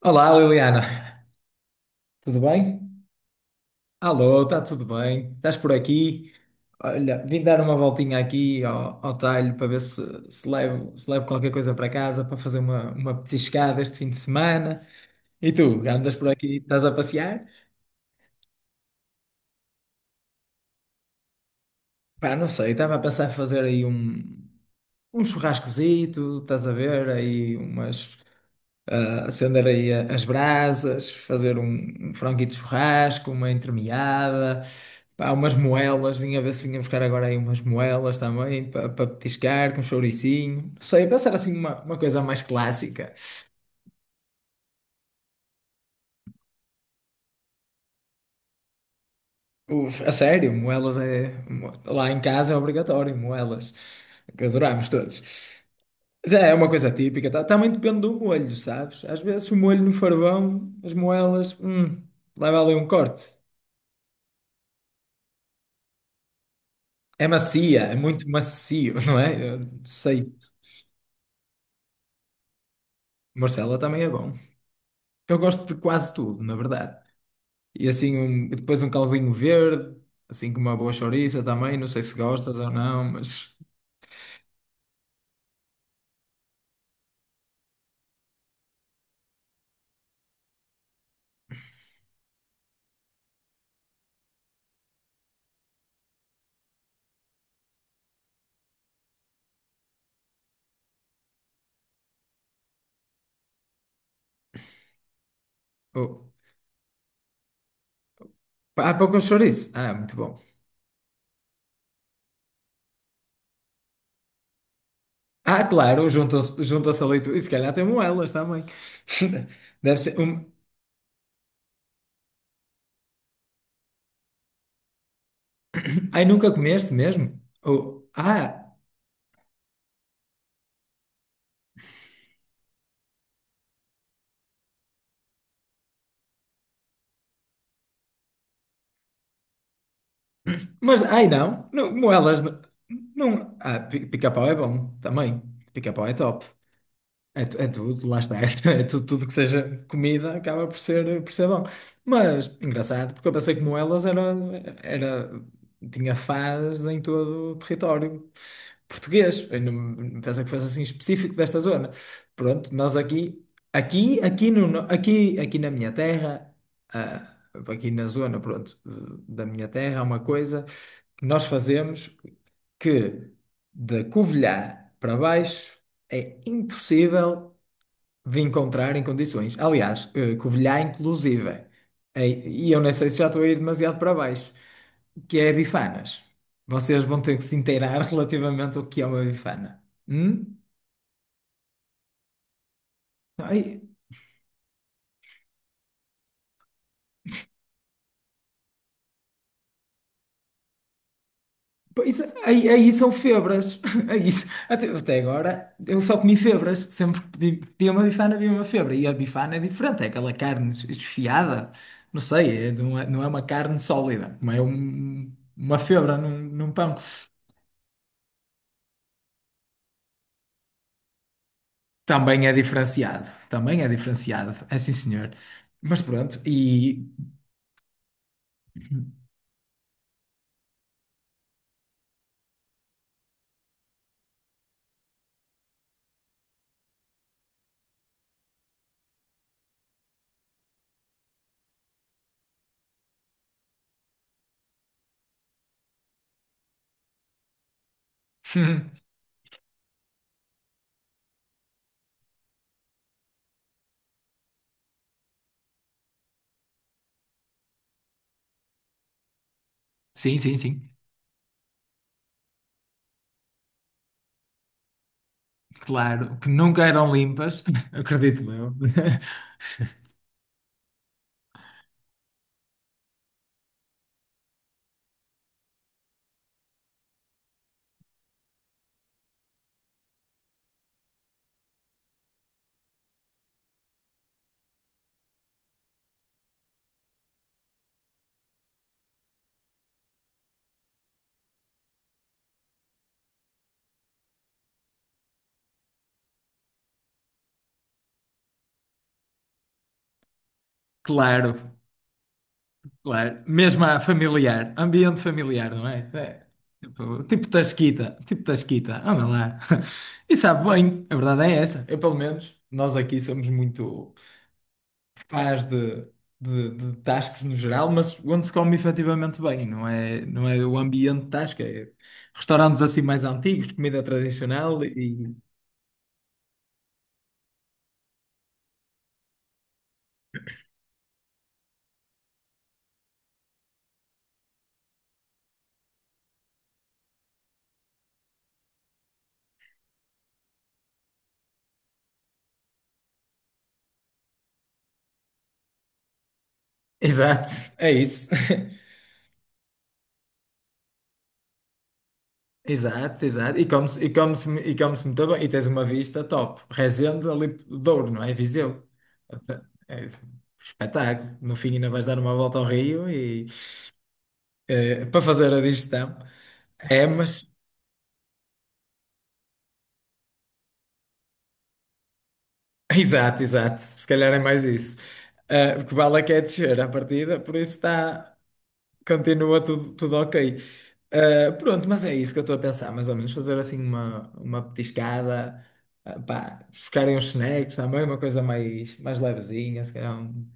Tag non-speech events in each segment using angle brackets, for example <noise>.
Olá, Liliana. Tudo bem? Alô, está tudo bem? Estás por aqui? Olha, vim dar uma voltinha aqui ao talho para ver se levo qualquer coisa para casa para fazer uma petiscada este fim de semana. E tu, andas por aqui, estás a passear? Pá, não sei, estava a pensar em fazer aí um churrascozito, estás a ver? Aí umas acender aí as brasas, fazer um franguito de churrasco, uma entremeada, pá, umas moelas, vinha ver se vinha buscar agora aí umas moelas também para petiscar com chouricinho. Não sei, pensar assim uma coisa mais clássica. Uf, a sério, moelas é. Lá em casa é obrigatório, moelas, que adorámos todos. Mas é uma coisa típica, tá? Também depende do molho, sabes? Às vezes o molho no farvão, as moelas, leva ali um corte. É macia, é muito macio, <laughs> não é? Eu sei. Morcela também é bom. Eu gosto de quase tudo, na verdade. E assim, e depois um calzinho verde, assim com uma boa chouriça também. Não sei se gostas ou não, mas. Oh. Ah, pão com chouriço. Ah, muito bom. Ah, claro, juntam-se a leitura. E se calhar tem moelas também. <laughs> Deve ser. Um... <coughs> Ai, nunca comeste mesmo? Oh. Ah, mas. Ai, não. Moelas. Não. Ah, pica-pau é bom também. Pica-pau é top. É, é tudo, lá está, <laughs> é, é tudo, tudo que seja comida acaba por ser bom. Mas engraçado, porque eu pensei que moelas era, era, tinha fás em todo o território português. Eu não, pensei que fosse assim específico desta zona. Pronto, nós aqui, aqui, aqui, no, no- aqui, aqui na minha terra, ah, aqui na zona, pronto, da minha terra, é uma coisa que nós fazemos que de Covilhã para baixo. É impossível de encontrar em condições. Aliás, Covilhã, inclusive, e eu nem sei se já estou a ir demasiado para baixo, que é bifanas. Vocês vão ter que se inteirar <laughs> relativamente ao que é uma bifana. Hum? Ai, pois, aí são febras. <laughs> Aí, até, até agora eu só comi febras. Sempre que pedi, pedia uma bifana, havia uma febra. E a bifana é diferente, é aquela carne esfiada. Não sei, não é, não é uma carne sólida, não é uma febra num, num pão. Também é diferenciado, é sim senhor. Mas pronto, e <laughs> sim, sim, sim, claro, que nunca eram limpas, <laughs> acredito eu. <laughs> Claro, claro, mesmo a familiar, ambiente familiar, não é? É, tipo, tipo Tasquita, anda lá. <laughs> E sabe bem, a verdade é essa, eu pelo menos, nós aqui somos muito. faz de tascos no geral, mas onde se come efetivamente bem, não é, não é o ambiente de tasca, é restaurantes assim mais antigos, comida tradicional e. Exato, é isso. <laughs> Exato, exato. E come-se e come-se e come-se muito bem. E tens uma vista top. Resende ali do Douro, não é? Viseu. Até- É espetáculo. No fim ainda vais dar uma volta ao rio e para fazer a digestão. É, mas exato, exato. Se calhar é mais isso. Ah, porque o Bala quer descer à partida, por isso está, continua tudo, tudo ok. Ah, pronto, mas é isso que eu estou a pensar, mais ou menos. Fazer assim uma petiscada, pá, buscarem uns snacks também, uma coisa mais, mais levezinha, se calhar um.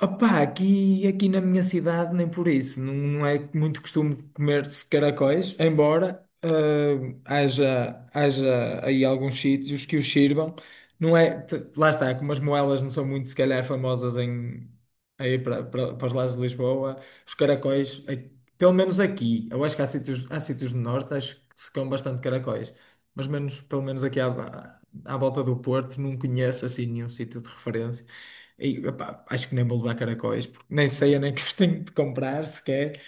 Opá, aqui na minha cidade nem por isso, não, não é muito costume comer-se caracóis, embora haja aí alguns sítios que os sirvam, não é, lá está, como as moelas não são muito, se calhar, famosas em, aí para os lados de Lisboa, os caracóis, pelo menos aqui, eu acho que há sítios no norte, acho que se comem bastante caracóis, mas menos, pelo menos aqui à, à volta do Porto, não conheço assim nenhum sítio de referência. E, epá, acho que nem vou levar caracóis, porque nem sei nem que os <laughs> tenho de comprar sequer.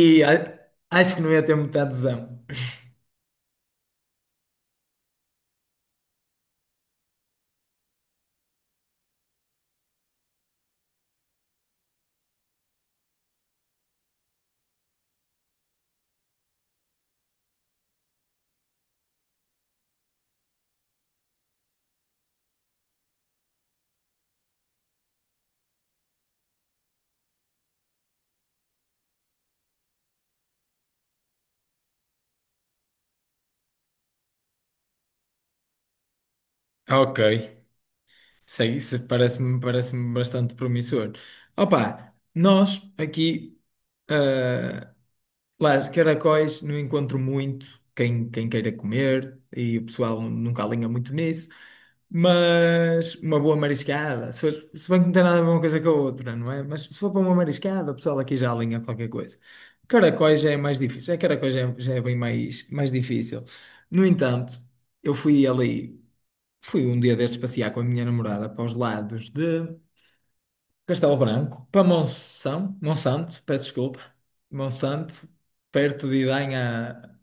E acho que não ia ter muita adesão. Ok, sei, isso parece-me bastante promissor. Opa, nós aqui lá, os caracóis não encontro muito quem queira comer e o pessoal nunca alinha muito nisso, mas uma boa mariscada, se, se bem que não tem nada a ver uma coisa com a outra, não é? Mas se for para uma mariscada, o pessoal aqui já alinha qualquer coisa. Caracóis já é mais difícil, é caracóis já é bem mais, mais difícil. No entanto, eu fui ali, fui um dia destes passear com a minha namorada para os lados Castelo Branco, para Monsanto, Monsanto, peço desculpa, Monsanto, perto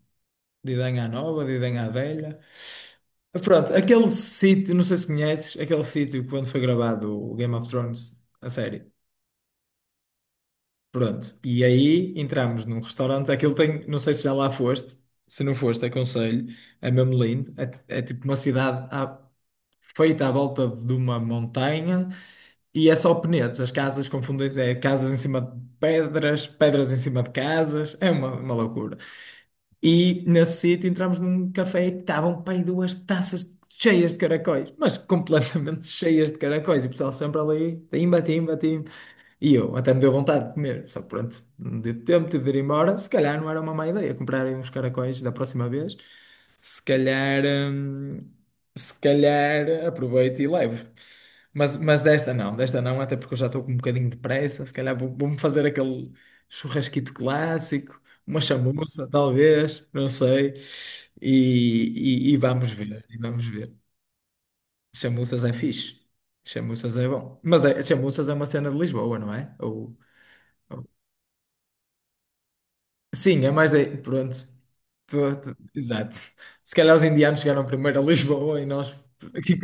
de Idanha Nova, de Idanha Velha. Pronto, aquele sítio, não sei se conheces, aquele sítio quando foi gravado o Game of Thrones, a série. Pronto, e aí entramos num restaurante, aquilo tem, não sei se já lá foste, se não foste, aconselho, é mesmo lindo, é, é tipo uma cidade feita à volta de uma montanha. E é só penedos, as casas confundem é casas em cima de pedras, pedras em cima de casas, é uma loucura. E nesse sítio entramos num café e estavam pai duas taças cheias de caracóis, mas completamente <laughs> cheias de caracóis, e o pessoal sempre ali, timba, timba, timba. E eu até me deu vontade de comer, só que pronto, não deu tempo, tive de ir embora, se calhar não era uma má ideia comprarem uns caracóis da próxima vez. Se calhar, se calhar aproveito e levo. Mas desta não, até porque eu já estou com um bocadinho de pressa. Se calhar vou-me fazer aquele churrasquito clássico, uma chamuça, talvez, não sei. E vamos ver, e vamos ver. Chamuças é fixe, chamuças é bom. Mas é, chamuças é uma cena de Lisboa, não é? Ou- Sim, é mais de. Pronto. Exato. Se calhar os indianos chegaram primeiro a Lisboa e nós aqui.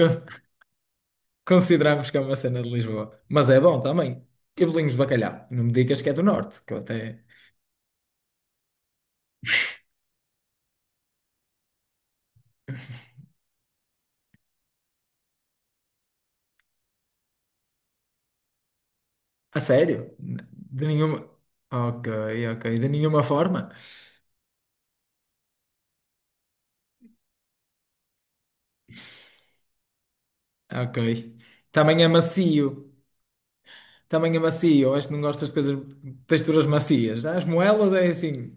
Consideramos que é uma cena de Lisboa. Mas é bom também. E bolinhos de bacalhau. Não me digas que é do norte, que eu até. A sério? De nenhuma. Ok, ok. De nenhuma forma? Ok. Também é macio. Também é macio. Acho que não gostas de coisas. Texturas macias. As moelas é assim.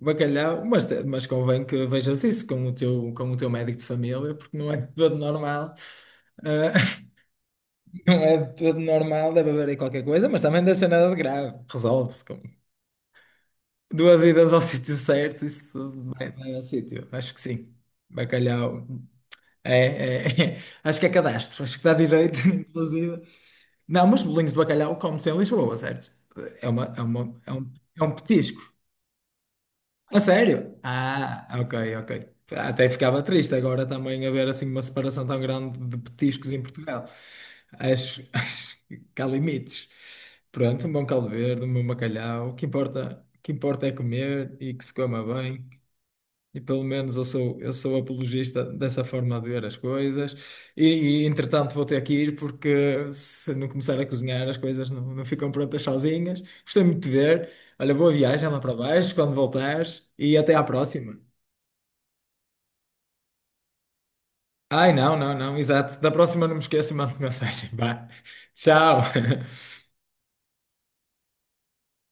Bacalhau. Mas convém que vejas isso com o teu médico de família, porque não é tudo normal. Ah, <laughs> não é tudo normal, deve haver aí qualquer coisa, mas também deve ser nada de grave. Resolve-se. Duas idas ao <laughs> sítio certo, isso tudo vai, vai ao sítio. Acho que sim. Bacalhau. É, é, <laughs> acho que é cadastro. Acho que dá direito, <laughs> inclusive. Não, mas bolinhos de bacalhau come-se em Lisboa, certo? É uma, é uma, é um, é um petisco. A sério? Ah, ok, ok. Até ficava triste agora também haver assim uma separação tão grande de petiscos em Portugal. Acho, <laughs> acho que há limites. Pronto, um bom caldo verde, um bom bacalhau. O que importa é comer e que se coma bem. E pelo menos eu sou apologista dessa forma de ver as coisas. Entretanto vou ter que ir porque se não começar a cozinhar as coisas não, não ficam prontas sozinhas. Gostei muito de ver. Olha, boa viagem lá para baixo quando voltares e até à próxima. Ai, não, não, não, exato. Da próxima não me esqueço e mando mensagem. Vá. <laughs> Tchau.